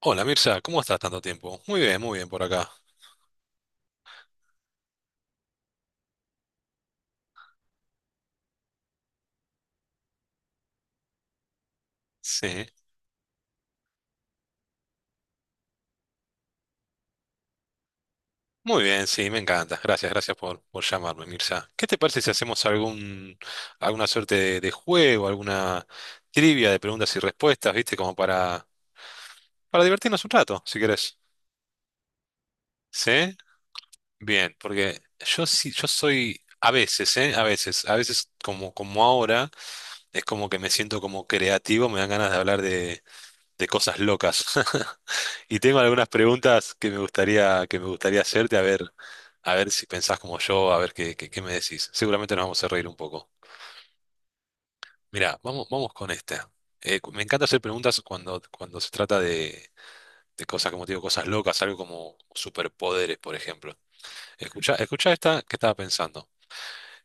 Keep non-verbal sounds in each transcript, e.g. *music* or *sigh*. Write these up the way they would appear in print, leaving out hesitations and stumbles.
Hola Mirza, ¿cómo estás tanto tiempo? Muy bien por acá. Sí, muy bien, sí, me encanta. Gracias, gracias por llamarme, Mirza. ¿Qué te parece si hacemos alguna suerte de juego, alguna trivia de preguntas y respuestas, viste, como para divertirnos un rato, si querés? ¿Sí? Bien, porque yo soy a veces, ¿eh? A veces como, como ahora, es como que me siento como creativo, me dan ganas de hablar de cosas locas. *laughs* Y tengo algunas preguntas que me gustaría hacerte, a ver si pensás como yo, a ver qué me decís. Seguramente nos vamos a reír un poco. Mirá, vamos con esta. Me encanta hacer preguntas cuando se trata de cosas, como te digo, cosas locas, algo como superpoderes, por ejemplo. Escucha, escucha esta que estaba pensando.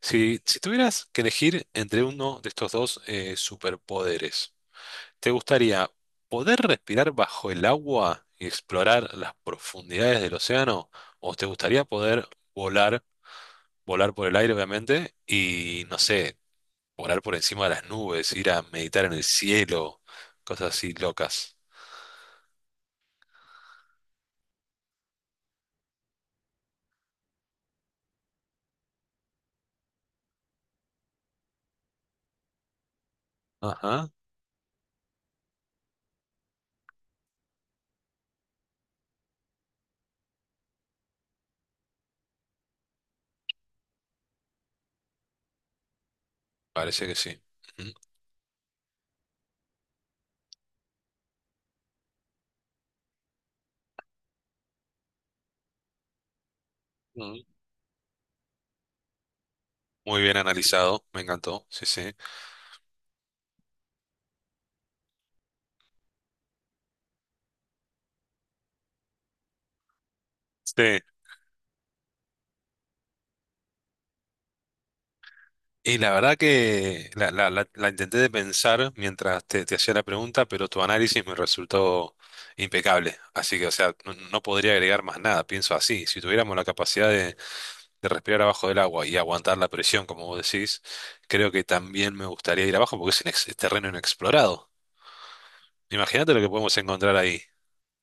Si tuvieras que elegir entre uno de estos dos superpoderes, ¿te gustaría poder respirar bajo el agua y explorar las profundidades del océano? ¿O te gustaría poder volar, volar por el aire, obviamente, y no sé, volar por encima de las nubes, ir a meditar en el cielo, cosas así locas? Ajá, parece que sí. Ujú. Ujú. Muy bien analizado, me encantó. Sí, sí. Sí, y la verdad que la intenté de pensar mientras te hacía la pregunta, pero tu análisis me resultó impecable. Así que, o sea, no, no podría agregar más nada, pienso así. Si tuviéramos la capacidad de respirar abajo del agua y aguantar la presión, como vos decís, creo que también me gustaría ir abajo porque es, un terreno inexplorado. Imagínate lo que podemos encontrar ahí.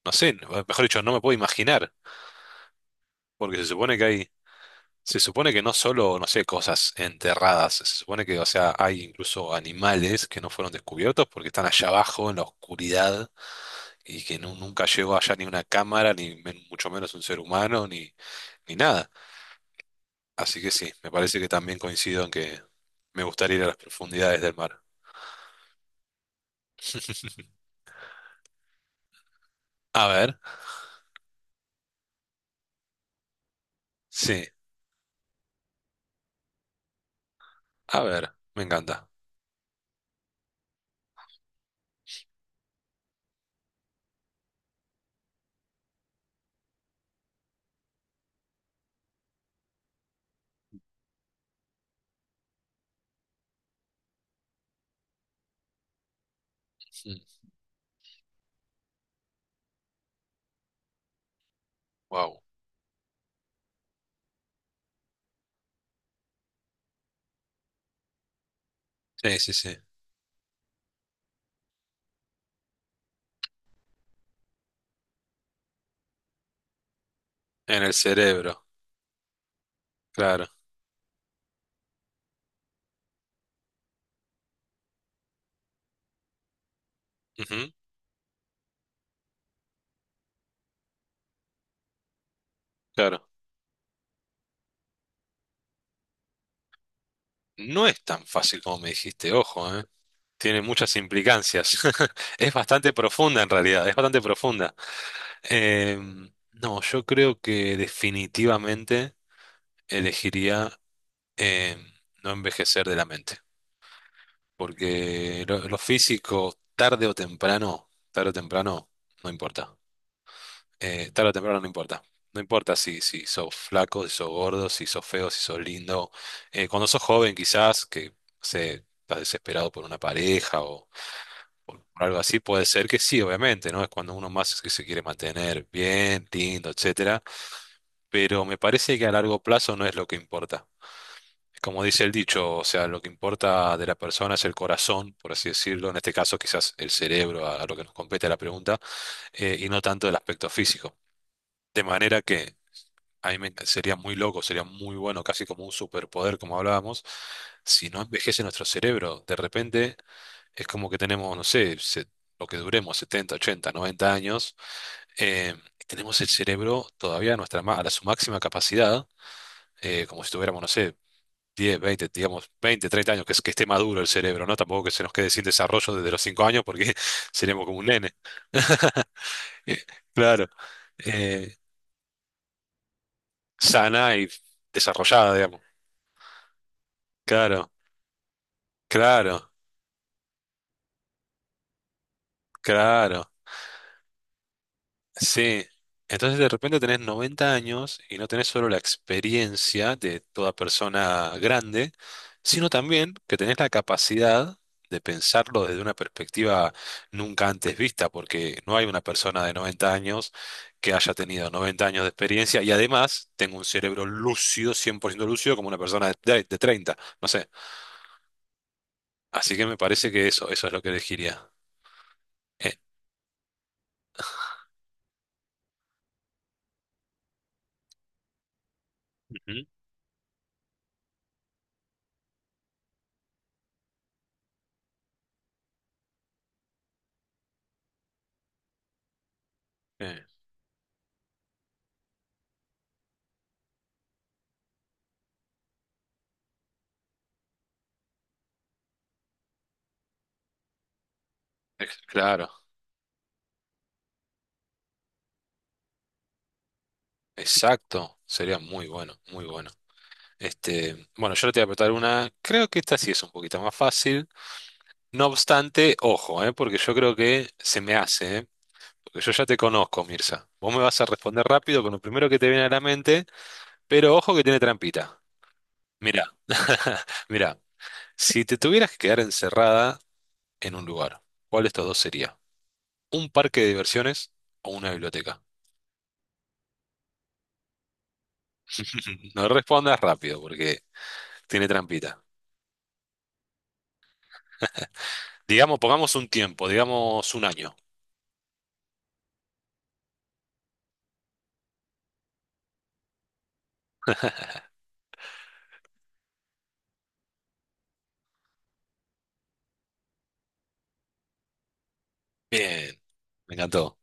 No sé, mejor dicho, no me puedo imaginar, porque se supone que no solo, no sé, cosas enterradas, se supone que, o sea, hay incluso animales que no fueron descubiertos porque están allá abajo en la oscuridad y que nunca llegó allá ni una cámara, ni mucho menos un ser humano, ni, ni nada. Así que sí, me parece que también coincido en que me gustaría ir a las profundidades del mar. *laughs* A ver, sí, a ver, me encanta. Wow. Sí, sí, sí. En el cerebro, claro. Ujú, claro. No es tan fácil como me dijiste, ojo, ¿eh? Tiene muchas implicancias. *laughs* Es bastante profunda en realidad, es bastante profunda. No, yo creo que definitivamente elegiría em, no envejecer de la mente, porque lo físico, tarde o temprano, no importa. Tarde o temprano no importa. No importa si sos flaco, si sos gordo, si sos feo, si sos lindo. Cuando sos joven, quizás, que no sé, estás desesperado por una pareja o algo así, puede ser que sí, obviamente, ¿no? Es cuando uno más es que se quiere mantener bien, lindo, etcétera. Pero me parece que a largo plazo no es lo que importa. Como dice el dicho, o sea, lo que importa de la persona es el corazón, por así decirlo, en este caso quizás el cerebro, a, lo que nos compete la pregunta, y no tanto el aspecto físico. De manera que sería muy loco, sería muy bueno, casi como un superpoder, como hablábamos, si no envejece nuestro cerebro. De repente es como que tenemos, no sé, lo que duremos, 70 80 90 años, eh, tenemos el cerebro todavía a, a su máxima capacidad, como si tuviéramos, no sé, 10 20 digamos, 20 30 años, que, que esté maduro el cerebro, ¿no? Tampoco que se nos quede sin desarrollo desde los 5 años porque *laughs* seremos como un nene. *laughs* Eh, claro, eh, sana y desarrollada, digamos. Claro, claro, claro. Sí, entonces de repente tenés 90 años y no tenés solo la experiencia de toda persona grande, sino también que tenés la capacidad de pensarlo desde una perspectiva nunca antes vista, porque no hay una persona de 90 años que haya tenido 90 años de experiencia y además tengo un cerebro lúcido, 100% lúcido, como una persona de 30, no sé. Así que me parece que eso es lo que elegiría. Eh, ujú, eh, claro, exacto, sería muy bueno, muy bueno. Este, bueno, yo te voy a apretar una. Creo que esta sí es un poquito más fácil. No obstante, ojo, ¿eh? Porque yo creo que se me hace, ¿eh? Porque yo ya te conozco, Mirza. Vos me vas a responder rápido con lo primero que te viene a la mente, pero ojo que tiene trampita. Mira, *laughs* mira, si te tuvieras que quedar encerrada en un lugar, ¿cuál de estos dos sería? ¿Un parque de diversiones o una biblioteca? *laughs* No respondas rápido porque tiene trampita. Digamos, pongamos un tiempo, digamos un año. Bien, me encantó.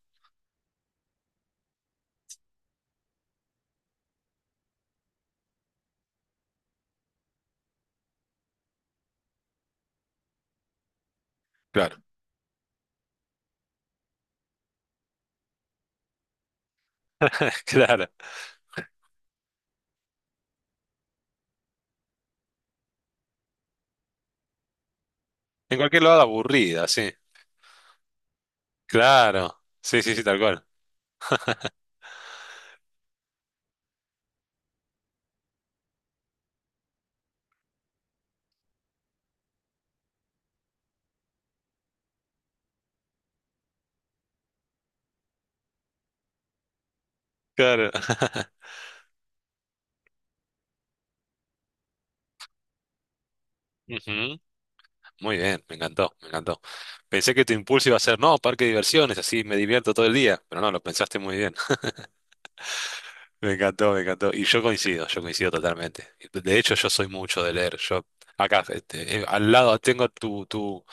Claro. *laughs* Claro. En cualquier lado aburrida, sí. Claro. Sí, sí, sí, tal cual. Claro. *laughs* Ujú. Muy bien, me encantó, me encantó. Pensé que tu impulso iba a ser, no, parque de diversiones, así me divierto todo el día, pero no, lo pensaste muy bien. *laughs* Me encantó, me encantó. Y yo coincido totalmente. De hecho, yo soy mucho de leer. Yo acá, este, al lado tengo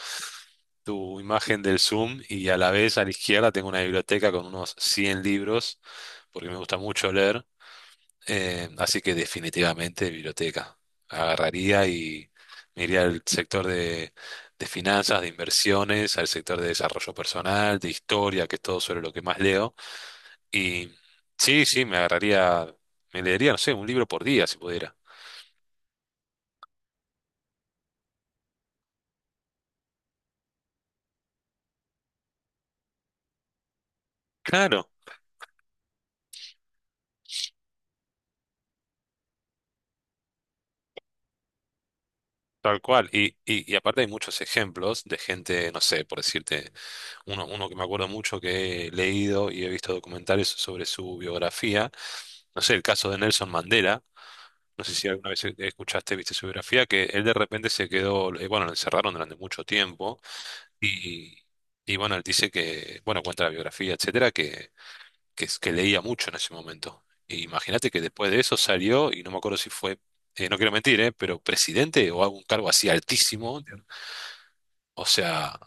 tu imagen del Zoom y a la vez a la izquierda tengo una biblioteca con unos 100 libros, porque me gusta mucho leer. Así que definitivamente biblioteca. Agarraría y me iría al sector de finanzas, de inversiones, al sector de desarrollo personal, de historia, que es todo sobre lo que más leo. Y sí, sí, me agarraría, me leería, no sé, un libro por día si pudiera. Claro, tal cual. Y aparte hay muchos ejemplos de gente, no sé, por decirte, uno que me acuerdo mucho que he leído y he visto documentales sobre su biografía. No sé, el caso de Nelson Mandela. No sé si alguna vez escuchaste, viste su biografía, que él de repente se quedó, bueno, lo encerraron durante mucho tiempo y, y bueno, él dice que, bueno, cuenta la biografía, etcétera, que leía mucho en ese momento. E imagínate que después de eso salió y no me acuerdo si fue, no quiero mentir, pero presidente o algún cargo así altísimo. O sea,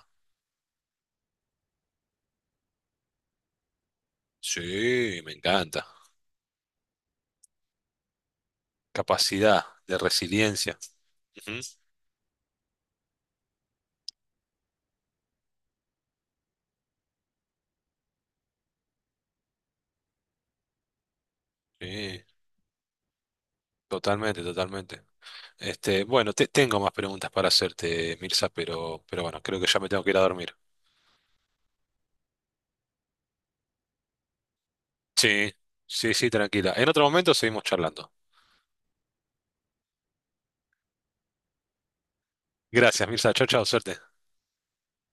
sí, me encanta. Capacidad de resiliencia. Ujú, sí, totalmente, totalmente. Este, bueno, tengo más preguntas para hacerte, Mirza, pero bueno, creo que ya me tengo que ir a dormir. Sí, sí, sí, tranquila. En otro momento seguimos charlando. Gracias, Mirza. Chao, chao, suerte.